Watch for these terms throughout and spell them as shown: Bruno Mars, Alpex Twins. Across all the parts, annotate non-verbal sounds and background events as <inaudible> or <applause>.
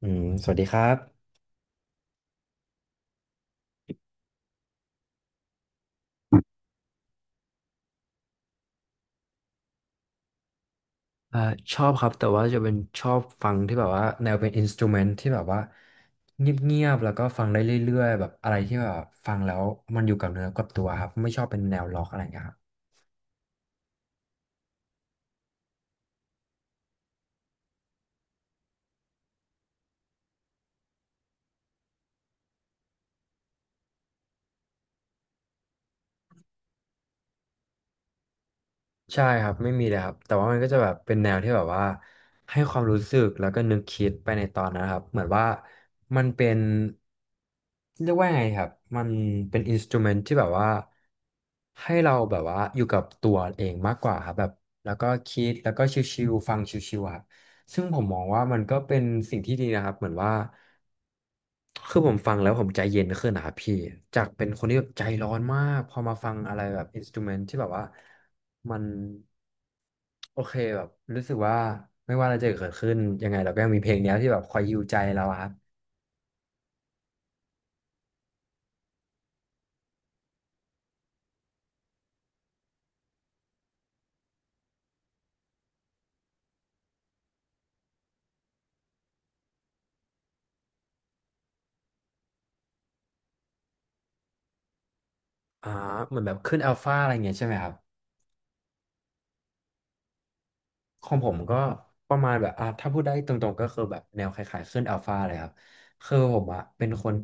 อืมสวัสดีครับอ่าชอบครับแต่ว่าจะเป็นชอบฟังที่แบบว่าแนวเป็นอินสตูเมนต์ที่แบบว่าเงียบๆแล้วก็ฟังได้เรื่อยๆแบบอะไรที่แบบฟังแล้วมันอยู่กับเนื้อกับตัวครับไม่ชอบเป็นแนวล็อกอะไรอย่างเงี้ยครับ ใช่ครับไม่มีเลยครับแต่ว่ามันก็จะแบบเป็นแนวที่แบบว่าให้ความรู้สึกแล้วก็นึกคิดไปในตอนนั้นครับเหมือนว่ามันเป็นเรียกว่าไงครับมันเป็นอินสตูเมนต์ที่แบบว่าให้เราแบบว่าอยู่กับตัวเองมากกว่าครับแบบแล้วก็คิดแล้วก็ชิวๆฟังชิวๆอะครับซึ่งผมมองว่ามันก็เป็นสิ่งที่ดีนะครับเหมือนว่า คือผมฟังแล้วผมใจเย็นขึ้นนะครับพี่ จากเป็นคนที่แบบใจร้อนมากพอมาฟังอะไรแบบอินสตูเมนต์ที่แบบว่ามันโอเคแบบรู้สึกว่าไม่ว่าอะไรจะเกิดขึ้นยังไงเราก็ยังมีเพลงเนี้ยที่แบบคอยฮีลใจเราอะครับอ่าเหมือนแบบขึ้นอัลฟาอะไรเงี้ยใช่ไหมครับ ของผมก็ประมาณแบบอ่ะถ้าพูดได้ตรงๆก็คือแบบแนวคล้ายๆขึ้นอัลฟาเลยครับคือผมอะเป็นคน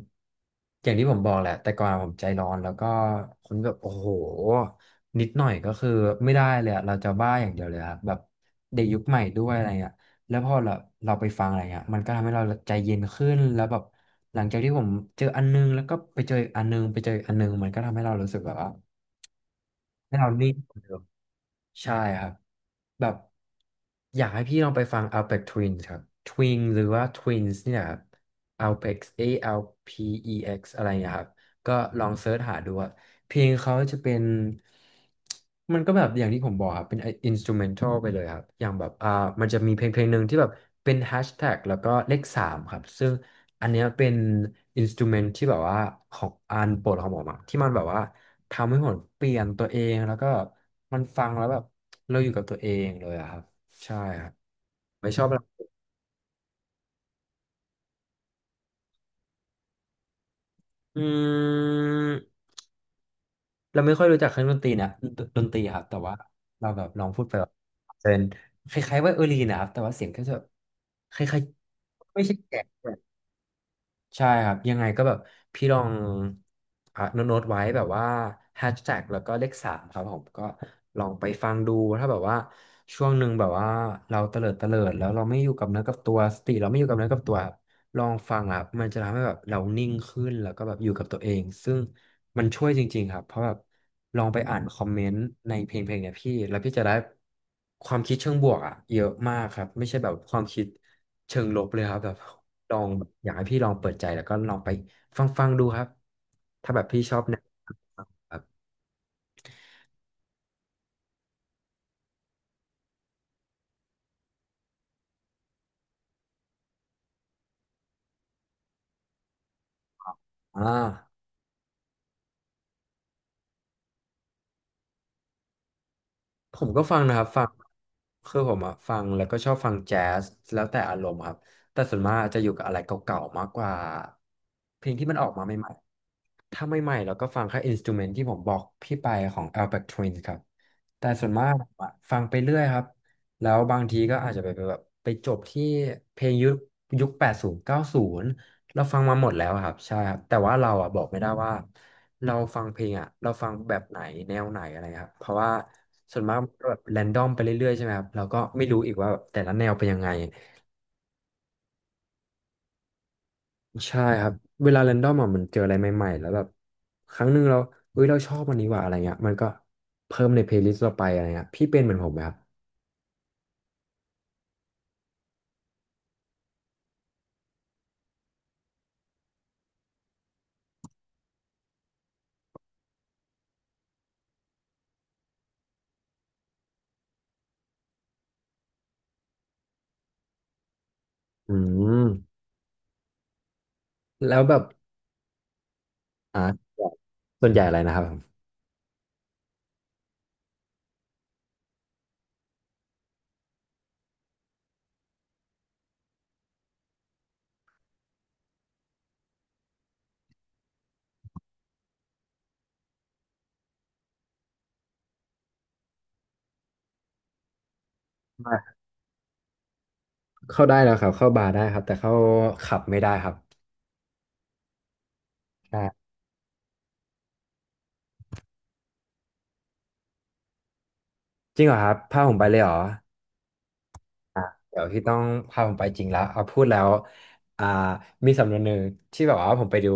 อย่างที่ผมบอกแหละแต่ก่อนผมใจร้อนแล้วก็คนแบบโอ้โหนิดหน่อยก็คือไม่ได้เลยอะเราจะบ้าอย่างเดียวเลยครับแบบเด็กยุคใหม่ด้วยอะไรเงี้ยแล้วพอเราไปฟังอะไรเงี้ยมันก็ทำให้เราใจเย็นขึ้นแล้วแบบหลังจากที่ผมเจออันนึงแล้วก็ไปเจออีกอันนึงไปเจออีกอันนึงมันก็ทำให้เรารู้สึกแบบว่า ให้เรานิ่งกว่าเดิมใช่ครับแบบอยากให้พี่ลองไปฟัง Alpex Twins ครับ Twins หรือว่า Twins เนี่ยครับ Alpex A L P E X อเอ็กซ์อะไรนะครับ ก็ลองเซิร์ชหาดูอะเพลงเขาจะเป็นมันก็แบบอย่างที่ผมบอกครับเป็นอินสตูเมนทัลไปเลยครับอย่างแบบมันจะมีเพลงหนึ่งที่แบบเป็นแฮชแท็กแล้วก็เลขสามครับซึ่งอันเนี้ยเป็นอินสตูเมนที่แบบว่าของอันโปรดของผมอะที่มันแบบว่าทำให้ผมเปลี่ยนตัวเองแล้วก็มันฟังแล้วแบบเราอยู่กับตัวเองเลยอะครับใช่ครับไม่ชอบอะไรอืมเราไม่ค่อยรู้จักเครื่องดนตรีครับแต่ว่าเราแบบลองพูดไป เป็นคล้ายๆว่าลีนนะครับแต่ว่าเสียงก็จะคล้ายๆไม่ใช่แกะ ใช่ครับยังไงก็แบบพี่ลองอ่ะโน้ตๆไว้แบบว่าแฮชแท็กแล้วก็เลขสามครับผมก็ลองไปฟังดูถ้าแบบว่าช่วงหนึ่งแบบว่าเราเตลิดเตลิดแล้วเราไม่อยู่กับเนื้อกับตัวสติเราไม่อยู่กับเนื้อกับตัวครับลองฟังอ่ะมันจะทำให้แบบเรานิ่งขึ้นแล้วก็แบบอยู่กับตัวเองซึ่งมันช่วยจริงๆครับเพราะแบบลองไปอ่านคอมเมนต์ในเพลงเนี่ยพี่แล้วพี่จะได้ความคิดเชิงบวกอ่ะเยอะมากครับไม่ใช่แบบความคิดเชิงลบเลยครับแบบ ลองแบบอยากให้พี่ลองเปิดใจแล้วก็ลองไปฟังดูครับถ้าแบบพี่ชอบแนวครับอ่า ผมก็ฟังนะครับคือผมอะฟังแล้วก็ชอบฟังแจ๊สแล้วแต่อารมณ์ครับแต่ส่วนมากจะอยู่กับอะไรเก่าๆมากกว่าเพลงที่มันออกมาใหม่ๆถ้าใหม่ๆเราก็ฟังแค่อินสตูเมนต์ที่ผมบอกพี่ไปของ Alpha Twins ครับแต่ส่วนมากผมอะฟังไปเรื่อยครับแล้วบางทีก็อาจจะไปแบบไปจบที่เพลงยุค80 90เราฟังมาหมดแล้วครับใช่ครับแต่ว่าเราอะบอกไม่ได้ว่า เราฟังเพลงอ่ะเราฟังแบบไหนแนวไหนอะไรครับเพราะว่าส่วนมากมันก็แบบแรนดอมไปเรื่อยๆใช่ไหมครับเราก็ไม่รู้อีกว่าแบบแต่ละแนวเป็นยังไงใช่ครับเวลาแรนดอมอ่ะมันเจออะไรใหม่ๆแล้วแบบครั้งหนึ่งเราเฮ้ยเราชอบอันนี้ว่ะอะไรเงี้ยมันก็เพิ่มในเพลย์ลิสต์เราไปอะไรเงี้ยพี่เป็นเหมือนผมไหมครับอืมแล้วแบบอ่าส่วนใหญ่อะไรนะครับผมไเข้าได้แล้วครับเข้าบาร์ได้ครับแต่เข้าขับไม่ได้ครับใช่จริงเหรอครับพาผมไปเลยเหรอ อ่ะเดี๋ยวพี่ต้องพาผมไปจริงแล้วเอาพูดแล้วอ่ามีสำนวนหนึ่งที่แบบว่าผมไปดู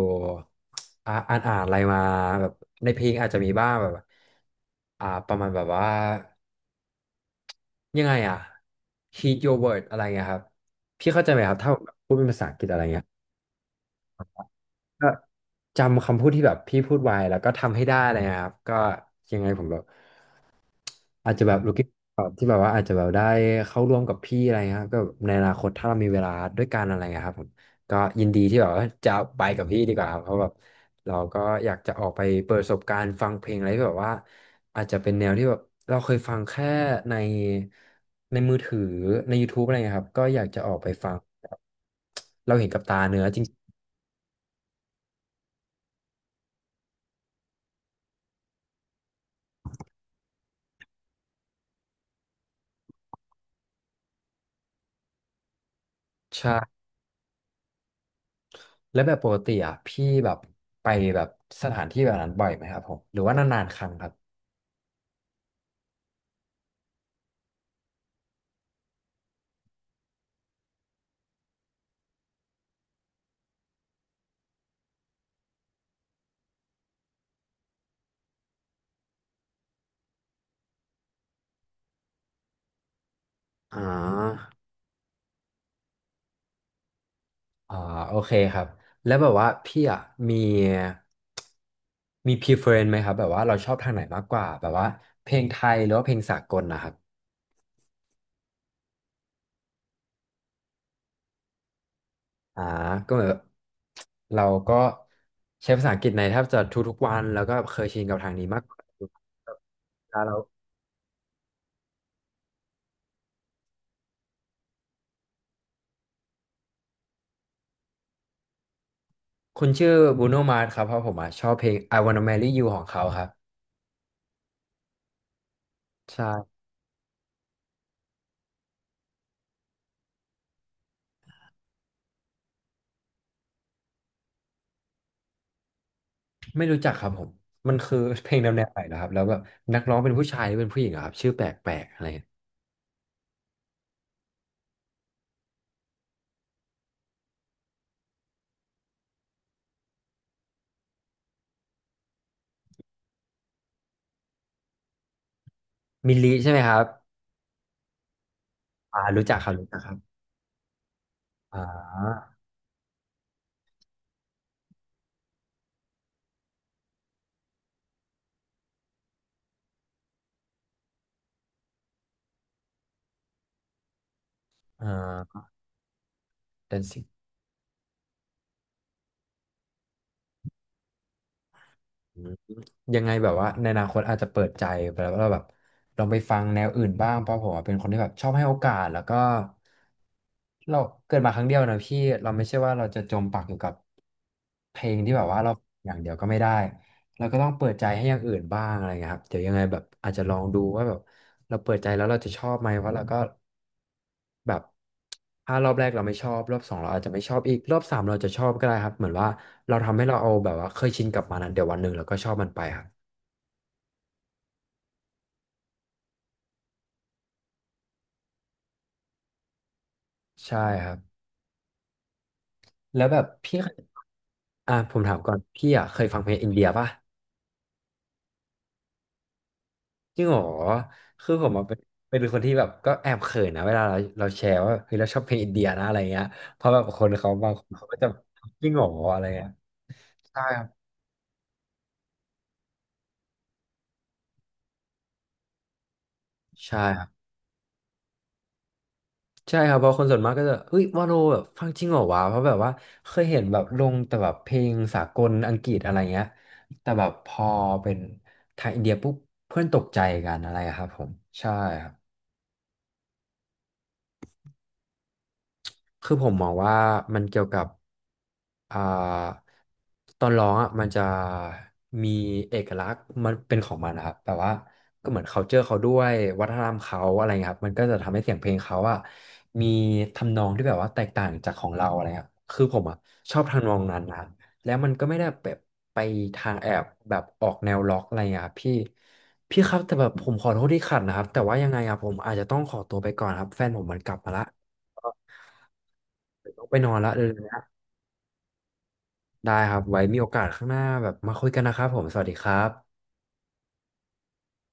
อ่าอ่านอ่านอะไรมาแบบในเพลงอาจจะมีบ้างแบบประมาณแบบว่ายังไงอ่ะ heed your word อะไรเงี้ยครับพี่เข้าใจไหมครับถ้าผมพูดเป็นภาษาอังกฤษอะไรเงี้ย จำคำพูดที่แบบพี่พูดไว้แล้วก็ทำให้ได้อะไรเลยครับก็ยังไงผมแบบอาจจะแบบ looking forward ที่แบบว่าอาจจะแบบได้เข้าร่วมกับพี่อะไรเงี้ยครับก็ในอนาคตถ้าเรามีเวลาด้วยกันอะไรเงี้ยครับผมก็ยินดีที่แบบว่าจะไปกับพี่ดีกว่าครับเพราะแบบเราก็อยากจะออกไปเปิดประสบการณ์ฟังเพลงอะไรที่แบบว่าอาจจะเป็นแนวที่แบบเราเคยฟังแค่ในในมือถือใน YouTube อะไรเงี้ยครับก็อยากจะออกไปฟังแบบเราเห็นกับตาเนื้อจริงใช่ แล้วแบบปกติอ่ะพี่แบบไปแบบสถานที่แบบนั้นบ่อยไหมครับผมหรือว่านานๆครั้งครับอ่าอ่าโอเคครับแล้วแบบว่าพี่อ่ะมีมี preference ไหมครับแบบว่าเราชอบทางไหนมากกว่าแบบว่าเพลงไทยหรือว่าเพลงสากลนะครับอ่าก็เหมือนแบบเราก็ใช้ภาษาอังกฤษในแทบจะทุกๆวันแล้วก็เคยชินกับทางนี้มากกว่า <laughs> แล้วเราคุณชื่อบูโนมาร์สครับเพราะผมอ่ะชอบเพลง I Wanna Marry You ของเขาครับใช่ ไม่รู้จักครับผมมันคือ <laughs> เพลงแนวไหนเหรอครับแล้วแบบนักร้องเป็นผู้ชายหรือเป็นผู้หญิงเหรอครับชื่อแปลกๆอะไรีมิลลิใช่ไหมครับอ่ารู้จักครับ รู้จักครับอ่าอ่า Dancing อืมยังไงแบบว่าในอนาคตอาจจะเปิดใจไปแล้วเราแบบลองไปฟังแนวอื่นบ้าง เพราะผมอะเป็นคนที่แบบชอบให้โอกาสแล้วก็เราเกิดมาครั้งเดียวนะพี่เราไม่ใช่ว่าเราจะจมปักอยู่กับเพลงที่แบบว่าเราอย่างเดียวก็ไม่ได้เราก็ต้องเปิดใจให้อย่างอื่นบ้างอะไรเงี้ยครับเดี๋ยวยังไงแบบอาจจะลองดูว่าแบบ เราเปิดใจแล้วเราจะชอบไหมว่าเราก็แบบถ้ารอบแรกเราไม่ชอบรอบสองเราอาจจะไม่ชอบอีกรอบสามเราจะชอบก็ได้ครับเหมือนว่าเราทำให้เราเอาแบบว่าเคยชินกับมันอนเดี๋ยววันหนึ่งเราก็ชอบมันไปครับใช่ครับแล้วแบบพี่เคยอ่ะผมถามก่อนพี่อ่ะเคยฟังเพลงอินเดียป่ะจริงเหรอคือผมอะเป็นเป็นคนที่แบบก็แอบเขินนะเวลาเราแชร์ว่าเฮ้ยเราชอบเพลงอินเดียนะอะไรเงี้ยเพราะแบบคนเขาบางคนเขาก็จะจริงเหรออะไรเงี้ยใช่ครับใช่ครับ ใช่ครับเพราะคนส่วนมากก็จะเฮ้ยวาโลแบบฟังจริงเหรอวะเพราะแบบว่าเคยเห็นแบบลงแต่แบบเพลงสากลอังกฤษอะไรเงี้ยแต่แบบพอเป็นไทยอินเดียปุ๊บเพื่อนตกใจกันอะไรอะครับผมใช่ครับ คือผมมองว่ามันเกี่ยวกับอ่าตอนร้องอ่ะมันจะมีเอกลักษณ์มันเป็นของมันนะครับแบบว่าก็เหมือน culture เขาด้วยวัฒนธรรมเขาอะไรเงี้ยครับมันก็จะทำให้เสียงเพลงเขาอ่ะมีทำนองที่แบบว่าแตกต่างจากของเราอะไรครับคือผมอ่ะชอบทำนองนั้นนะแล้วมันก็ไม่ได้แบบไปทางแอบแบบออกแนวล็อกอะไรเงี้ยครับพี่ครับแต่แบบผมขอโทษที่ขัดนะครับแต่ว่ายังไงอ่ะผมอาจจะต้องขอตัวไปก่อนครับแฟนผมมันกลับมาละ ต้องไปนอนละเดี๋ยวนี้ได้ครับ ไว้มีโอกาสข้างหน้าแบบมาคุยกันนะครับผมสวัสดีครับ